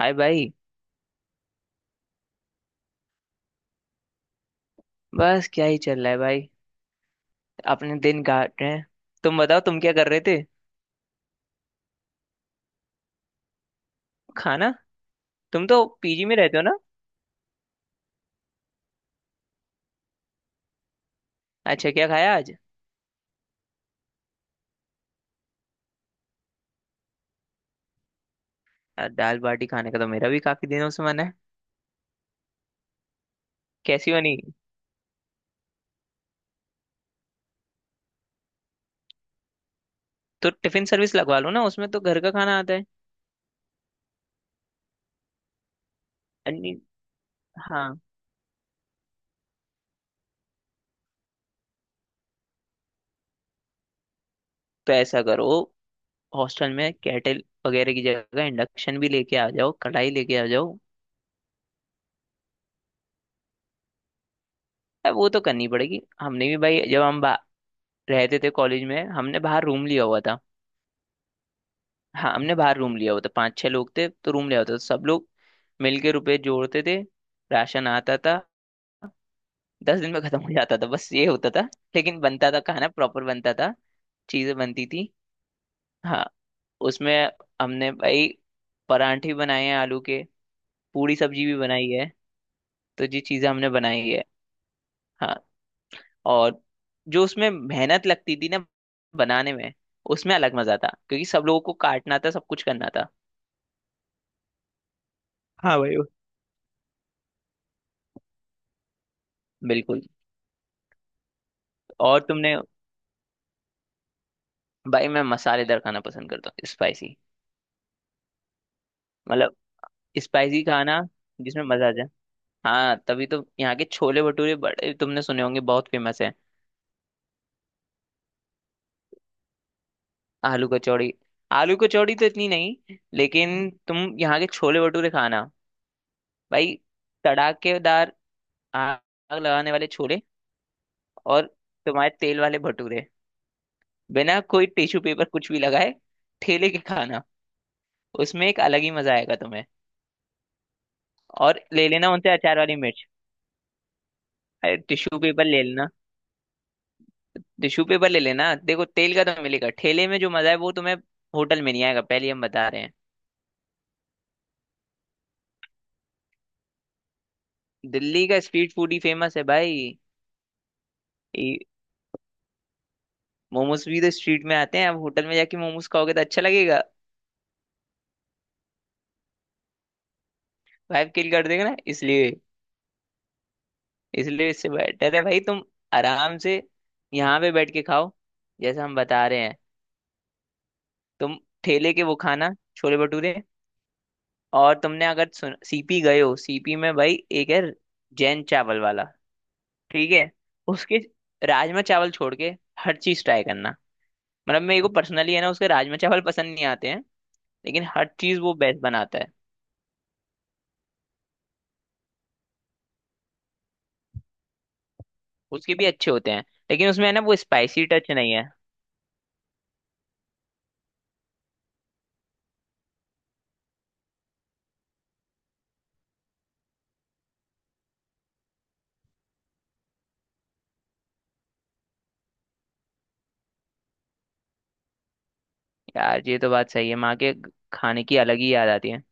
हाय भाई। बस क्या ही चल रहा है भाई। अपने दिन काट रहे हैं। तुम बताओ, तुम क्या कर रहे थे। खाना? तुम तो पीजी में रहते हो ना? अच्छा, क्या खाया आज? यार, दाल बाटी खाने का तो मेरा भी काफी दिनों से मन है। कैसी बनी? तो टिफिन सर्विस लगवा लो ना, उसमें तो घर का खाना आता है। अन्य- हाँ। तो ऐसा करो। हॉस्टल में केटल वगैरह की जगह इंडक्शन भी लेके आ जाओ, कढ़ाई लेके आ जाओ। अब वो तो करनी पड़ेगी। हमने भी भाई, जब हम रहते थे कॉलेज में, हमने बाहर रूम लिया हुआ था। हाँ, हमने बाहर रूम लिया होता, पांच छह लोग थे तो रूम लिया होता, तो सब लोग मिलके रुपए जोड़ते थे। राशन आता था। 10 दिन में खत्म हो जाता था, बस ये होता था। लेकिन बनता था खाना, प्रॉपर बनता था। चीजें बनती थी। हाँ। उसमें हमने भाई परांठे भी बनाए हैं आलू के। पूरी सब्जी भी बनाई है। तो ये चीजें हमने बनाई है। हाँ। और जो उसमें मेहनत लगती थी ना बनाने में, उसमें अलग मजा था क्योंकि सब लोगों को काटना था, सब कुछ करना था। हाँ भाई, बिल्कुल। और तुमने? भाई, मैं मसालेदार खाना पसंद करता हूँ, स्पाइसी। मतलब स्पाइसी खाना, जिसमें मजा आ जाए। हाँ, तभी तो यहाँ के छोले भटूरे बड़े तुमने सुने होंगे, बहुत फेमस है। आलू कचौड़ी। आलू कचौड़ी तो इतनी नहीं, लेकिन तुम यहाँ के छोले भटूरे खाना भाई। तड़ाकेदार, आग लगाने वाले छोले। और तुम्हारे तेल वाले भटूरे, बिना कोई टिश्यू पेपर कुछ भी लगाए, ठेले के खाना, उसमें एक अलग ही मजा आएगा तुम्हें। और ले लेना उनसे अचार वाली मिर्च। अरे, टिश्यू पेपर ले लेना। टिश्यू पेपर ले लेना, देखो, तेल का तो मिलेगा, ठेले में जो मजा है वो तुम्हें होटल में नहीं आएगा, पहले हम बता रहे हैं। दिल्ली का स्ट्रीट फूड ही फेमस है भाई। ये मोमोज भी तो स्ट्रीट में आते हैं, अब होटल में जाके मोमोज खाओगे तो अच्छा लगेगा? वाइब किल कर देगा ना, इसलिए इसलिए इससे बेटर है भाई, तुम आराम से यहाँ पे बैठ के खाओ जैसा हम बता रहे हैं। तुम ठेले के वो खाना छोले भटूरे। और तुमने अगर सीपी गए हो, सीपी में भाई एक है, जैन चावल वाला। ठीक है? उसके राजमा चावल छोड़ के हर चीज ट्राई करना। मतलब मेरे को पर्सनली है ना, उसके राजमा चावल पसंद नहीं आते हैं, लेकिन हर चीज वो बेस्ट बनाता है। उसके भी अच्छे होते हैं, लेकिन उसमें है ना वो स्पाइसी टच नहीं है। यार, ये तो बात सही है, माँ के खाने की अलग ही याद आती है।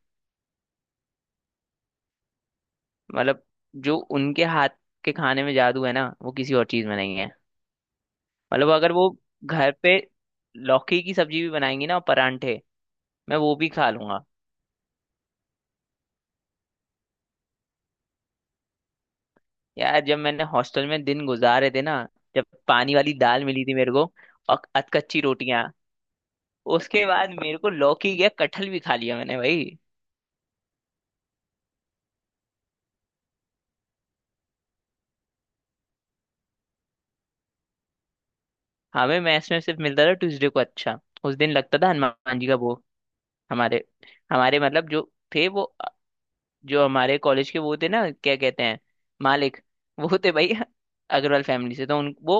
मतलब जो उनके हाथ के खाने में जादू है ना वो किसी और चीज में नहीं है। मतलब अगर वो घर पे लौकी की सब्जी भी बनाएंगी ना और परांठे, मैं वो भी खा लूंगा। यार, जब मैंने हॉस्टल में दिन गुजारे थे ना, जब पानी वाली दाल मिली थी मेरे को और अधकच्ची रोटियां, उसके बाद मेरे को लौकी या कटहल भी खा लिया मैंने भाई। हमें मैस में सिर्फ मिलता था ट्यूसडे को। अच्छा, उस दिन लगता था हनुमान जी का भोग। हमारे हमारे मतलब जो थे वो जो हमारे कॉलेज के वो थे ना, क्या कहते हैं, मालिक, वो थे भाई अग्रवाल फैमिली से। तो उन वो,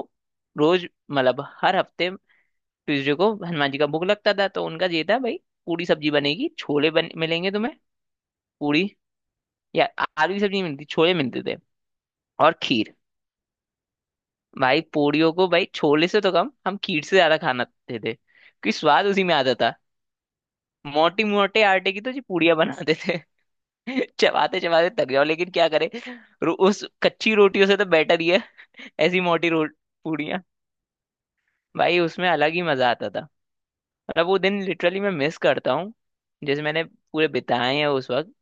रोज मतलब हर हफ्ते ट्यूसडे को हनुमान जी का भोग लगता था। तो उनका ये था भाई, पूरी सब्जी बनेगी, छोले बन मिलेंगे तुम्हें। पूरी, या आलू की सब्जी नहीं मिलती, छोले मिलते थे, और खीर। भाई, पूरियों को भाई छोले से तो कम, हम खीर से ज्यादा खाना खाते थे क्योंकि स्वाद उसी में आता था। मोटी, मोटे आटे की तो जी पूड़ियाँ बनाते थे। चबाते चबाते थक जाओ, लेकिन क्या करे, उस कच्ची रोटियों से तो बेटर ही है। ऐसी मोटी रोट पूड़ियाँ, भाई उसमें अलग ही मजा आता था। मतलब वो दिन लिटरली मैं मिस करता हूँ, जैसे मैंने पूरे बिताए हैं उस वक्त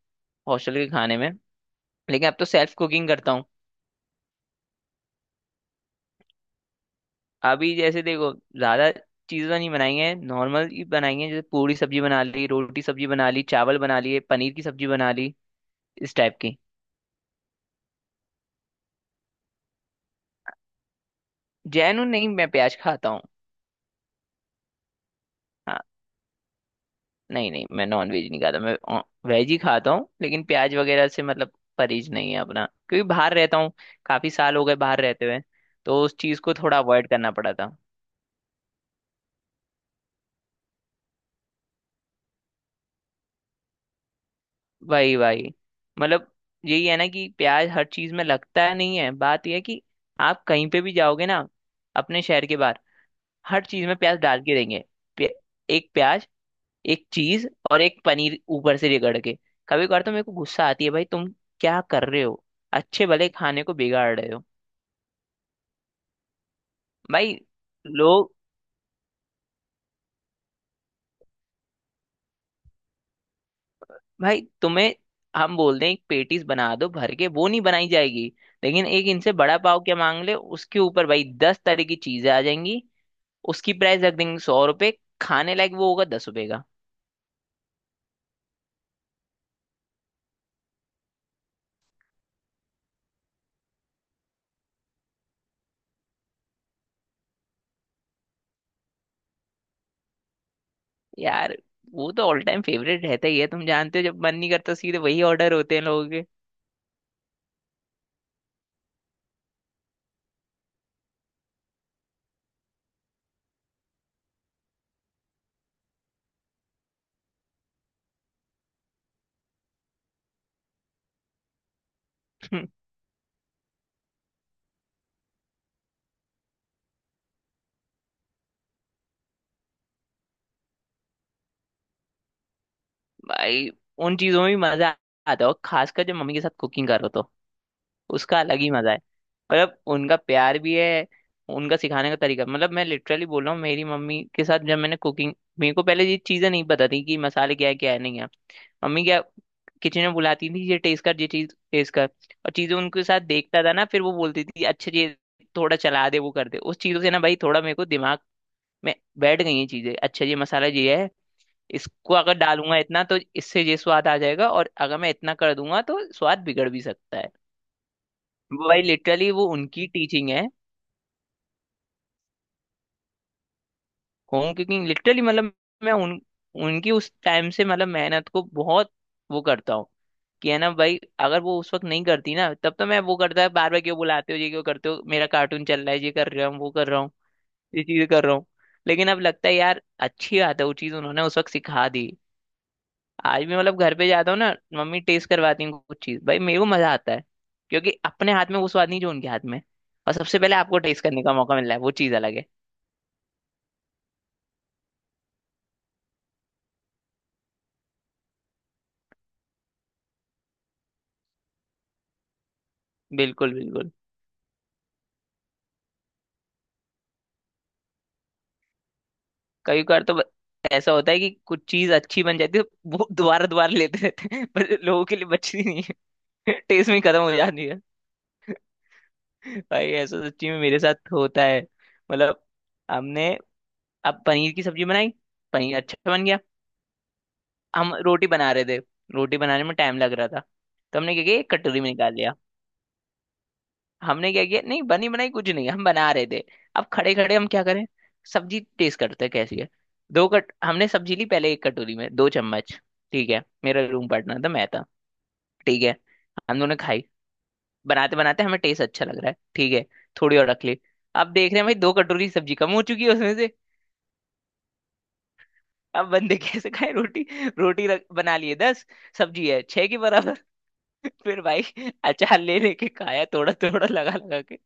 हॉस्टल के खाने में। लेकिन अब तो सेल्फ कुकिंग करता हूँ। अभी जैसे देखो, ज्यादा चीजें नहीं बनाएंगे, नॉर्मल ही बनाएंगे, जैसे पूरी सब्जी बना ली, रोटी सब्जी बना ली, चावल बना लिए, पनीर की सब्जी बना ली, इस टाइप की। जैनू नहीं, मैं प्याज खाता हूँ। हाँ, नहीं नहीं, मैं नॉन वेज नहीं खाता, मैं वेज ही खाता हूँ, लेकिन प्याज वगैरह से मतलब परहेज नहीं है अपना, क्योंकि बाहर रहता हूँ, काफी साल हो गए बाहर रहते हुए, तो उस चीज को थोड़ा अवॉइड करना पड़ा था। वही वही। मतलब यही है ना कि प्याज हर चीज में लगता है, नहीं, है बात यह है कि आप कहीं पे भी जाओगे ना अपने शहर के बाहर, हर चीज में प्याज डाल के देंगे। प्या, एक प्याज, एक चीज और एक पनीर ऊपर से रगड़ के, कभी कभार तो मेरे को गुस्सा आती है, भाई तुम क्या कर रहे हो, अच्छे भले खाने को बिगाड़ रहे हो। भाई। लोग। भाई तुम्हें हम बोल दें एक पेटीज बना दो भर के, वो नहीं बनाई जाएगी, लेकिन एक इनसे बड़ा पाव क्या मांग ले उसके ऊपर भाई 10 तरह की चीजें आ जाएंगी। उसकी प्राइस रख देंगे 100 रुपए। खाने लायक वो होगा 10 रुपए का। यार, वो तो ऑल टाइम फेवरेट रहता ही है, तुम जानते हो, जब मन नहीं करता सीधे वही ऑर्डर होते हैं लोगों। हम्म। भाई, उन चीजों में भी मजा आता है, और खासकर जब मम्मी के साथ कुकिंग करो तो उसका अलग ही मजा है। मतलब उनका प्यार भी है, उनका सिखाने का तरीका, मतलब मैं लिटरली बोल रहा हूँ, मेरी मम्मी के साथ जब मैंने कुकिंग, मेरे को पहले ये चीजें नहीं पता थी कि मसाले क्या है, क्या है नहीं है। मम्मी क्या किचन में बुलाती थी, ये टेस्ट कर, ये चीज टेस्ट कर, और चीजें उनके साथ देखता था ना, फिर वो बोलती थी, अच्छा ये थोड़ा चला दे, वो कर दे, उस चीजों से ना भाई थोड़ा मेरे को दिमाग में बैठ गई ये चीजें, अच्छा ये मसाला ये है, इसको अगर डालूंगा इतना तो इससे ये स्वाद आ जाएगा, और अगर मैं इतना कर दूंगा तो स्वाद बिगड़ भी सकता है। वो भाई लिटरली वो उनकी टीचिंग है। होम कुकिंग लिटरली मतलब, मैं उन उनकी उस टाइम से मतलब मेहनत को बहुत वो करता हूँ। कि है ना भाई, अगर वो उस वक्त नहीं करती ना, तब तो मैं वो करता है, बार बार क्यों बुलाते हो, ये क्यों करते हो, मेरा कार्टून चल रहा है, ये कर रहा हूँ, वो कर रहा हूँ, ये चीज़ कर रहा हूँ। लेकिन अब लगता है यार, अच्छी बात है, वो चीज़ उन्होंने उस वक्त सिखा दी। आज भी मतलब घर पे जाता हूँ ना, मम्मी टेस्ट करवाती हैं कुछ चीज, भाई मेरे को मजा आता है, क्योंकि अपने हाथ में वो स्वाद नहीं जो उनके हाथ में है। और सबसे पहले आपको टेस्ट करने का मौका मिल रहा है, वो चीज अलग है। बिल्कुल बिल्कुल। कई बार तो ऐसा होता है कि कुछ चीज अच्छी बन जाती है, वो दोबारा दोबारा लेते रहते हैं, पर लोगों के लिए बचती नहीं है, टेस्ट में खत्म हो जाती है। भाई ऐसा सच्ची में मेरे साथ होता है। मतलब हमने अब पनीर की सब्जी बनाई, पनीर अच्छा बन गया, हम रोटी बना रहे थे, रोटी बनाने में टाइम लग रहा था, तो हमने क्या किया एक कटोरी में निकाल लिया। हमने क्या किया, नहीं बनी बनाई कुछ नहीं, हम बना रहे थे। अब खड़े खड़े हम क्या करें, सब्जी टेस्ट करते हैं कैसी है। दो कट हमने सब्जी ली पहले एक कटोरी में, दो चम्मच। ठीक है, मेरा रूम पार्टनर था, मैं था, ठीक है, हम दोनों ने खाई। बनाते बनाते हमें टेस्ट अच्छा लग रहा है, ठीक है, थोड़ी और रख ली। अब देख रहे हैं भाई, दो कटोरी सब्जी कम हो चुकी है उसमें से। अब बंदे कैसे खाए रोटी। रोटी बना लिए 10, सब्जी है छह के बराबर, फिर भाई अचार ले लेके खाया थोड़ा थोड़ा लगा लगा के।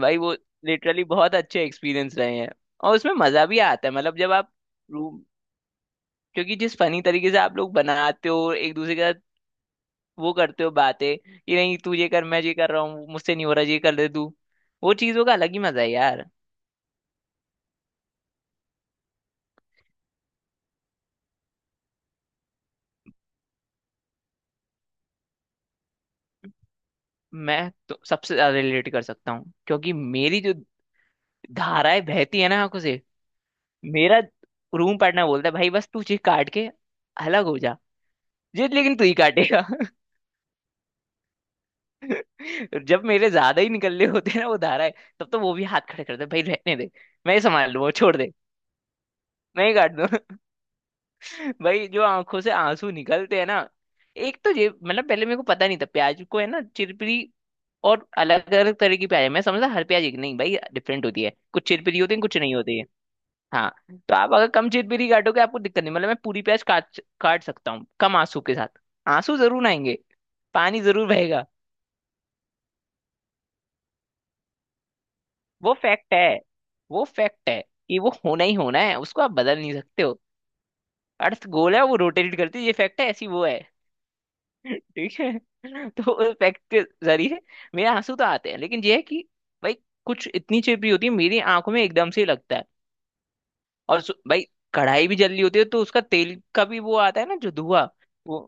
भाई वो लिटरली बहुत अच्छे एक्सपीरियंस रहे हैं। और उसमें मजा भी आता है, मतलब जब आप रूम क्योंकि जिस फनी तरीके से आप लोग बनाते हो एक दूसरे के साथ, वो करते हो बातें कि नहीं तू ये कर, मैं ये कर रहा हूँ, मुझसे नहीं हो रहा ये कर दे तू, वो चीजों का अलग ही मजा है यार। मैं तो सबसे ज्यादा रिलेट कर सकता हूँ, क्योंकि मेरी जो धाराएं बहती है ना आंखों से, मेरा रूम पार्टनर बोलता है, भाई बस तू ये काट के अलग हो जा, ये लेकिन तू ही काटेगा। जब मेरे ज्यादा ही निकलने होते हैं ना वो धारा है, तब तो वो भी हाथ खड़े करते हैं, भाई रहने दे, मैं ही संभाल लूँ, वो छोड़ दे, मैं ही काट दूँ। भाई जो आंखों से आंसू निकलते हैं ना, एक तो ये मतलब पहले मेरे को पता नहीं था, प्याज को है ना चिरपिरी, और अलग अलग तरह की प्याज है, मैं समझा हर प्याज एक, नहीं भाई डिफरेंट होती है, कुछ चिरपिरी होती है, कुछ नहीं होती है। हाँ, तो आप अगर कम चिरपिरी काटोगे आपको दिक्कत नहीं, मतलब मैं पूरी प्याज काट काट सकता हूँ कम आंसू के साथ। आंसू जरूर आएंगे। पानी जरूर बहेगा। वो फैक्ट है। वो फैक्ट है कि वो होना ही होना है, उसको आप बदल नहीं सकते हो। अर्थ गोल है वो रोटेट करती है, ये फैक्ट है, ऐसी वो है। ठीक है। तो उस फैक्ट के जरिए मेरे आंसू तो आते हैं, लेकिन ये है कि भाई कुछ इतनी चिपड़ी होती है, मेरी आंखों में एकदम से ही लगता है। और भाई कढ़ाई भी जल रही होती है, तो उसका तेल का भी वो आता है ना, जो धुआं। वो,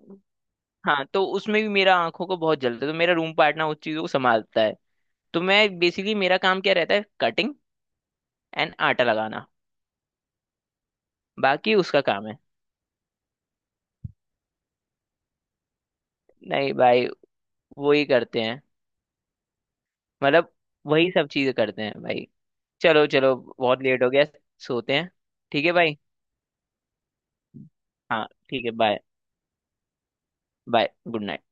हाँ, तो उसमें भी मेरा आंखों को बहुत जलता है, तो मेरा रूम पार्टनर उस चीजों को संभालता है। तो मैं बेसिकली, मेरा काम क्या रहता है, कटिंग एंड आटा लगाना। बाकी उसका काम है। नहीं भाई, वही करते हैं, मतलब वही सब चीजें करते हैं भाई। चलो चलो। बहुत लेट हो गया। सोते हैं। ठीक है भाई। हाँ ठीक है, बाय। Bye good night.